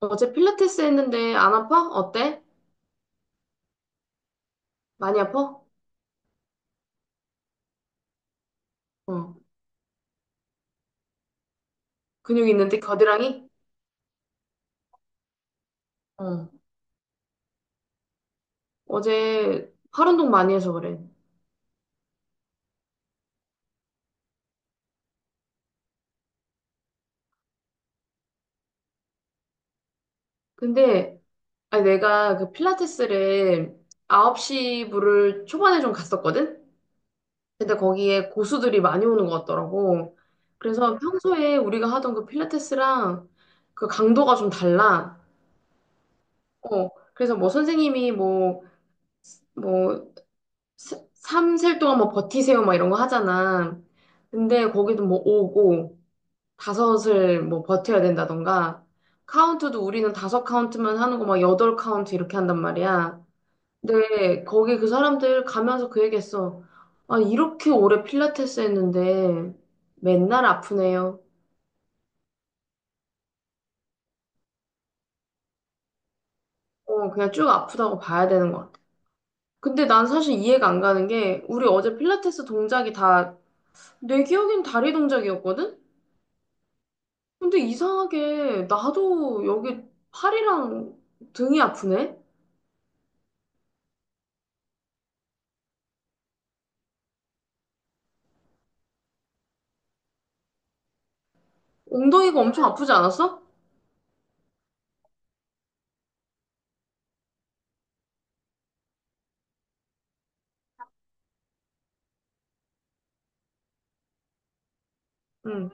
어제 필라테스 했는데 안 아파? 어때? 많이 아파? 어. 근육 있는데 겨드랑이? 어. 어제 팔 운동 많이 해서 그래. 근데 아니, 내가 그 필라테스를 9시 부를 초반에 좀 갔었거든? 근데 거기에 고수들이 많이 오는 것 같더라고. 그래서 평소에 우리가 하던 그 필라테스랑 그 강도가 좀 달라. 어. 그래서 뭐 선생님이 뭐뭐 3셀 동안 뭐 버티세요 막 이런 거 하잖아. 근데 거기도 뭐 5고 다섯을 뭐 버텨야 된다던가 카운트도 우리는 다섯 카운트만 하는 거 막 8 카운트 이렇게 한단 말이야. 근데 거기 그 사람들 가면서 그 얘기했어. 아, 이렇게 오래 필라테스 했는데 맨날 아프네요. 어, 그냥 쭉 아프다고 봐야 되는 것 같아. 근데 난 사실 이해가 안 가는 게 우리 어제 필라테스 동작이 다 내 기억엔 다리 동작이었거든? 근데 이상하게 나도 여기 팔이랑 등이 아프네? 엉덩이가 엄청 아프지 않았어? 응.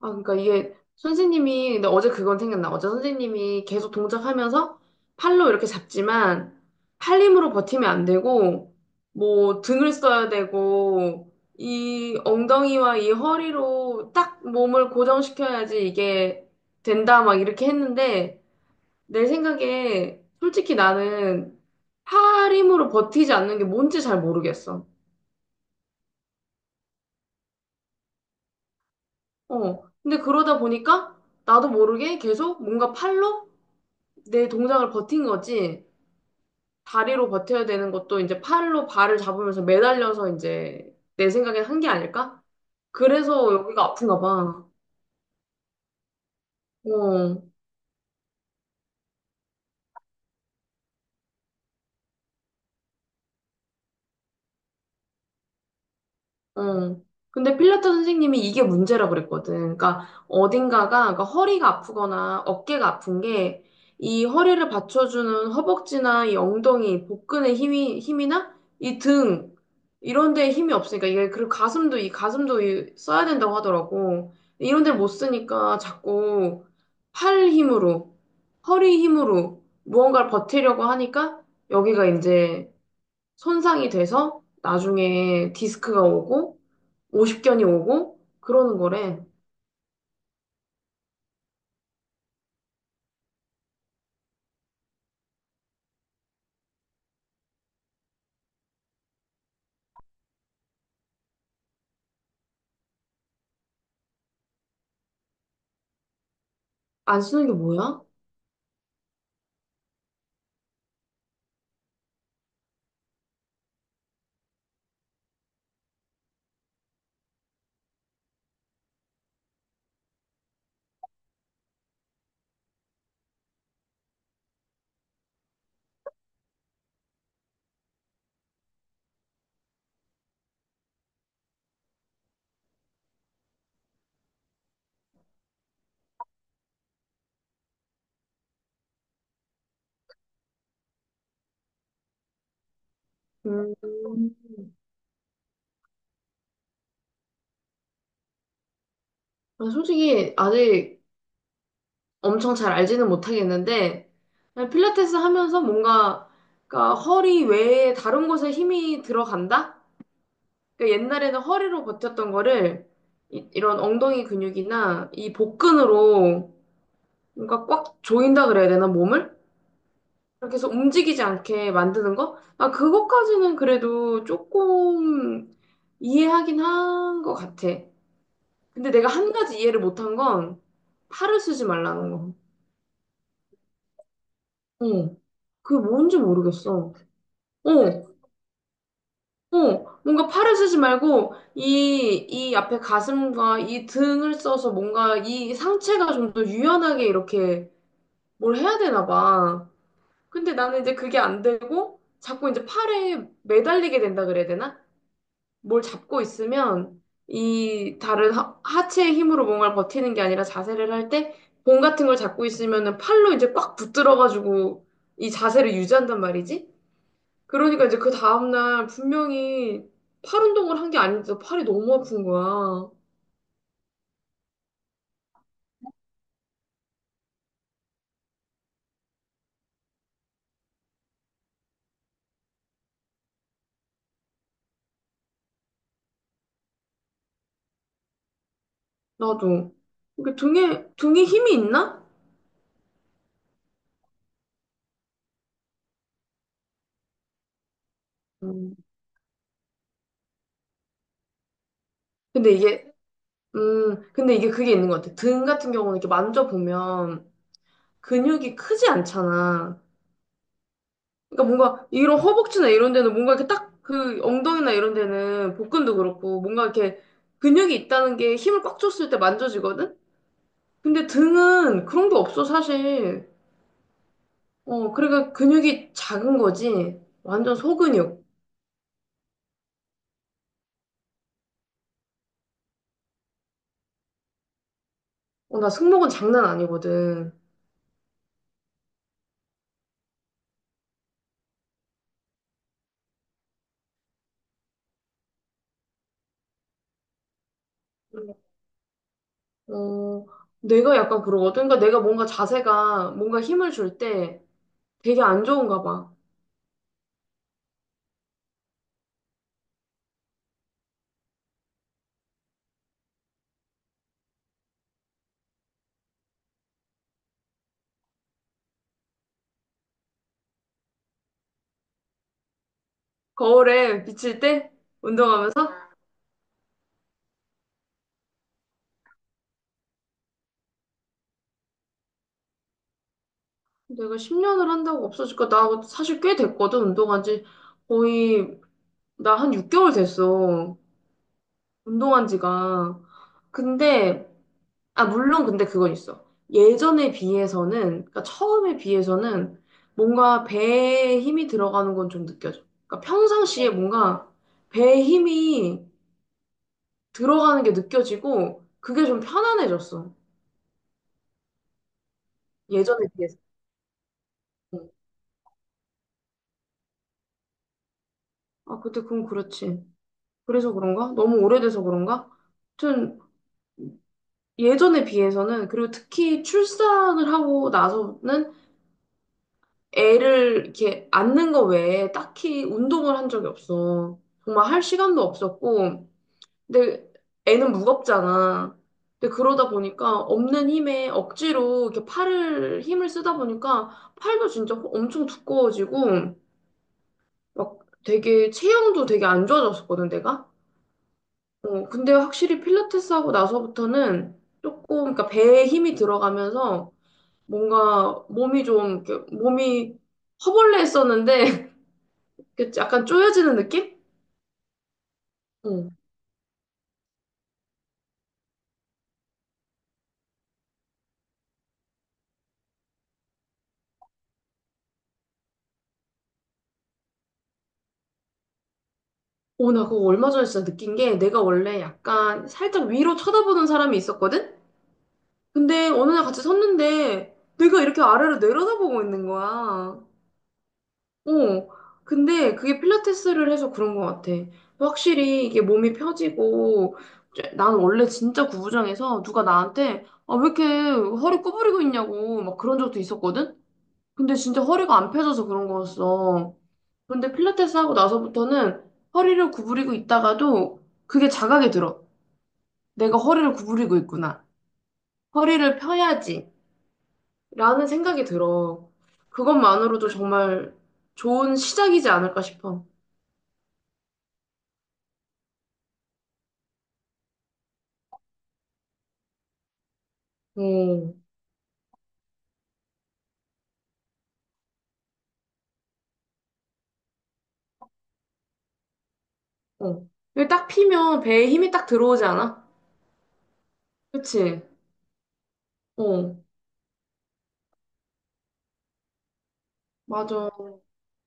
아, 그러니까 이게 선생님이, 근데 어제 그건 생각나. 어제 선생님이 계속 동작하면서 팔로 이렇게 잡지만 팔 힘으로 버티면 안 되고, 뭐 등을 써야 되고, 이 엉덩이와 이 허리로 딱 몸을 고정시켜야지 이게 된다, 막 이렇게 했는데, 내 생각에 솔직히 나는 팔 힘으로 버티지 않는 게 뭔지 잘 모르겠어. 어. 근데 그러다 보니까 나도 모르게 계속 뭔가 팔로 내 동작을 버틴 거지. 다리로 버텨야 되는 것도 이제 팔로 발을 잡으면서 매달려서 이제 내 생각엔 한 게 아닐까? 그래서 여기가 아픈가 봐. 어. 어. 근데 필라테스 선생님이 이게 문제라 그랬거든. 그러니까 어딘가가 그러니까 허리가 아프거나 어깨가 아픈 게 이 허리를 받쳐주는 허벅지나 이 엉덩이, 복근의 힘이 힘이나 이 등 이런 데에 힘이 없으니까 이게 그리고 가슴도 이 가슴도 이 써야 된다고 하더라고. 이런 데를 못 쓰니까 자꾸 팔 힘으로 허리 힘으로 무언가를 버티려고 하니까 여기가 이제 손상이 돼서 나중에 디스크가 오고 오십견이 오고 그러는 거래. 안 쓰는 게 뭐야? 음, 난 솔직히 아직 엄청 잘 알지는 못하겠는데 그냥 필라테스 하면서 뭔가 그러니까 허리 외에 다른 곳에 힘이 들어간다? 그러니까 옛날에는 허리로 버텼던 거를 이런 엉덩이 근육이나 이 복근으로 뭔가 꽉 조인다 그래야 되나 몸을? 계속 움직이지 않게 만드는 거? 아, 그것까지는 그래도 조금 이해하긴 한 것 같아. 근데 내가 한 가지 이해를 못 한 건 팔을 쓰지 말라는 거. 어, 그게 뭔지 모르겠어. 어, 어, 뭔가 팔을 쓰지 말고 이 앞에 가슴과 이 등을 써서 뭔가 이 상체가 좀 더 유연하게 이렇게 뭘 해야 되나 봐. 근데 나는 이제 그게 안 되고 자꾸 이제 팔에 매달리게 된다 그래야 되나? 뭘 잡고 있으면 이 다른 하체의 힘으로 뭔가를 버티는 게 아니라 자세를 할 때 봉 같은 걸 잡고 있으면은 팔로 이제 꽉 붙들어가지고 이 자세를 유지한단 말이지. 그러니까 이제 그 다음날 분명히 팔 운동을 한 게 아닌데 팔이 너무 아픈 거야. 나도. 이게 등에 힘이 있나? 음. 근데 이게, 근데 이게 그게 있는 것 같아. 등 같은 경우는 이렇게 만져보면 근육이 크지 않잖아. 그러니까 뭔가 이런 허벅지나 이런 데는 뭔가 이렇게 딱 그 엉덩이나 이런 데는 복근도 그렇고 뭔가 이렇게 근육이 있다는 게 힘을 꽉 줬을 때 만져지거든? 근데 등은 그런 게 없어, 사실. 어, 그러니까 근육이 작은 거지. 완전 소근육. 어, 나 승모근 장난 아니거든. 어, 내가 약간 그러거든. 그러니까 내가 뭔가 자세가 뭔가 힘을 줄 때 되게 안 좋은가 봐. 거울에 비칠 때? 내가 10년을 한다고 없어질까? 나 사실 꽤 됐거든, 운동한 지. 거의, 나 한 6개월 됐어. 운동한 지가. 근데, 아, 물론 근데 그건 있어. 예전에 비해서는, 그러니까 처음에 비해서는 뭔가 배에 힘이 들어가는 건 좀 느껴져. 그러니까 평상시에 뭔가 배에 힘이 들어가는 게 느껴지고, 그게 좀 편안해졌어. 예전에 비해서. 어, 아, 그때 그건 그렇지. 그래서 그런가? 너무 오래돼서 그런가? 하여튼, 예전에 비해서는 그리고 특히 출산을 하고 나서는 애를 이렇게 안는 거 외에 딱히 운동을 한 적이 없어. 정말 할 시간도 없었고, 근데 애는 무겁잖아. 근데 그러다 보니까 없는 힘에 억지로 이렇게 팔을 힘을 쓰다 보니까 팔도 진짜 엄청 두꺼워지고 막 되게 체형도 되게 안 좋아졌었거든 내가. 어 근데 확실히 필라테스 하고 나서부터는 조금 그러니까 배에 힘이 들어가면서 뭔가 몸이 좀, 이렇게 몸이 허벌레했었는데, 이렇게 약간 쪼여지는 느낌? 어. 오, 나 그거 얼마 전에 진짜 느낀 게 내가 원래 약간 살짝 위로 쳐다보는 사람이 있었거든? 근데 어느 날 같이 섰는데 내가 이렇게 아래로 내려다보고 있는 거야. 어. 근데 그게 필라테스를 해서 그런 것 같아. 확실히 이게 몸이 펴지고, 난 원래 진짜 구부정해서 누가 나한테 아, 왜 이렇게 허리 구부리고 있냐고 막 그런 적도 있었거든? 근데 진짜 허리가 안 펴져서 그런 거였어. 근데 필라테스 하고 나서부터는 허리를 구부리고 있다가도 그게 자각이 들어. 내가 허리를 구부리고 있구나. 허리를 펴야지. 라는 생각이 들어. 그것만으로도 정말 좋은 시작이지 않을까 싶어. 어, 어. 이게 딱 피면 배에 힘이 딱 들어오지 않아? 그치? 어, 맞아.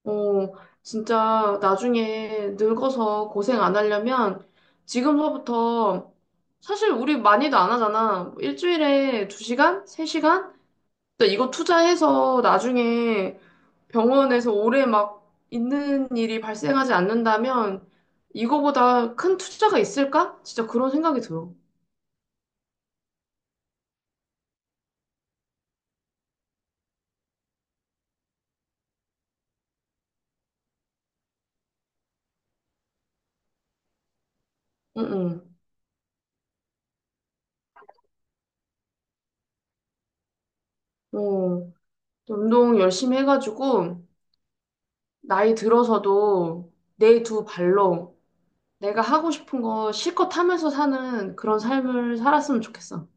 어, 진짜 나중에 늙어서 고생 안 하려면 지금서부터 사실 우리 많이도 안 하잖아. 일주일에 2시간 3시간 이거 투자해서 나중에 병원에서 오래 막 있는 일이 발생하지 않는다면 이거보다 큰 투자가 있을까? 진짜 그런 생각이 들어. 응, 응. 어, 운동 열심히 해가지고 나이 들어서도 내 두 발로 내가 하고 싶은 거 실컷 하면서 사는 그런 삶을 살았으면 좋겠어.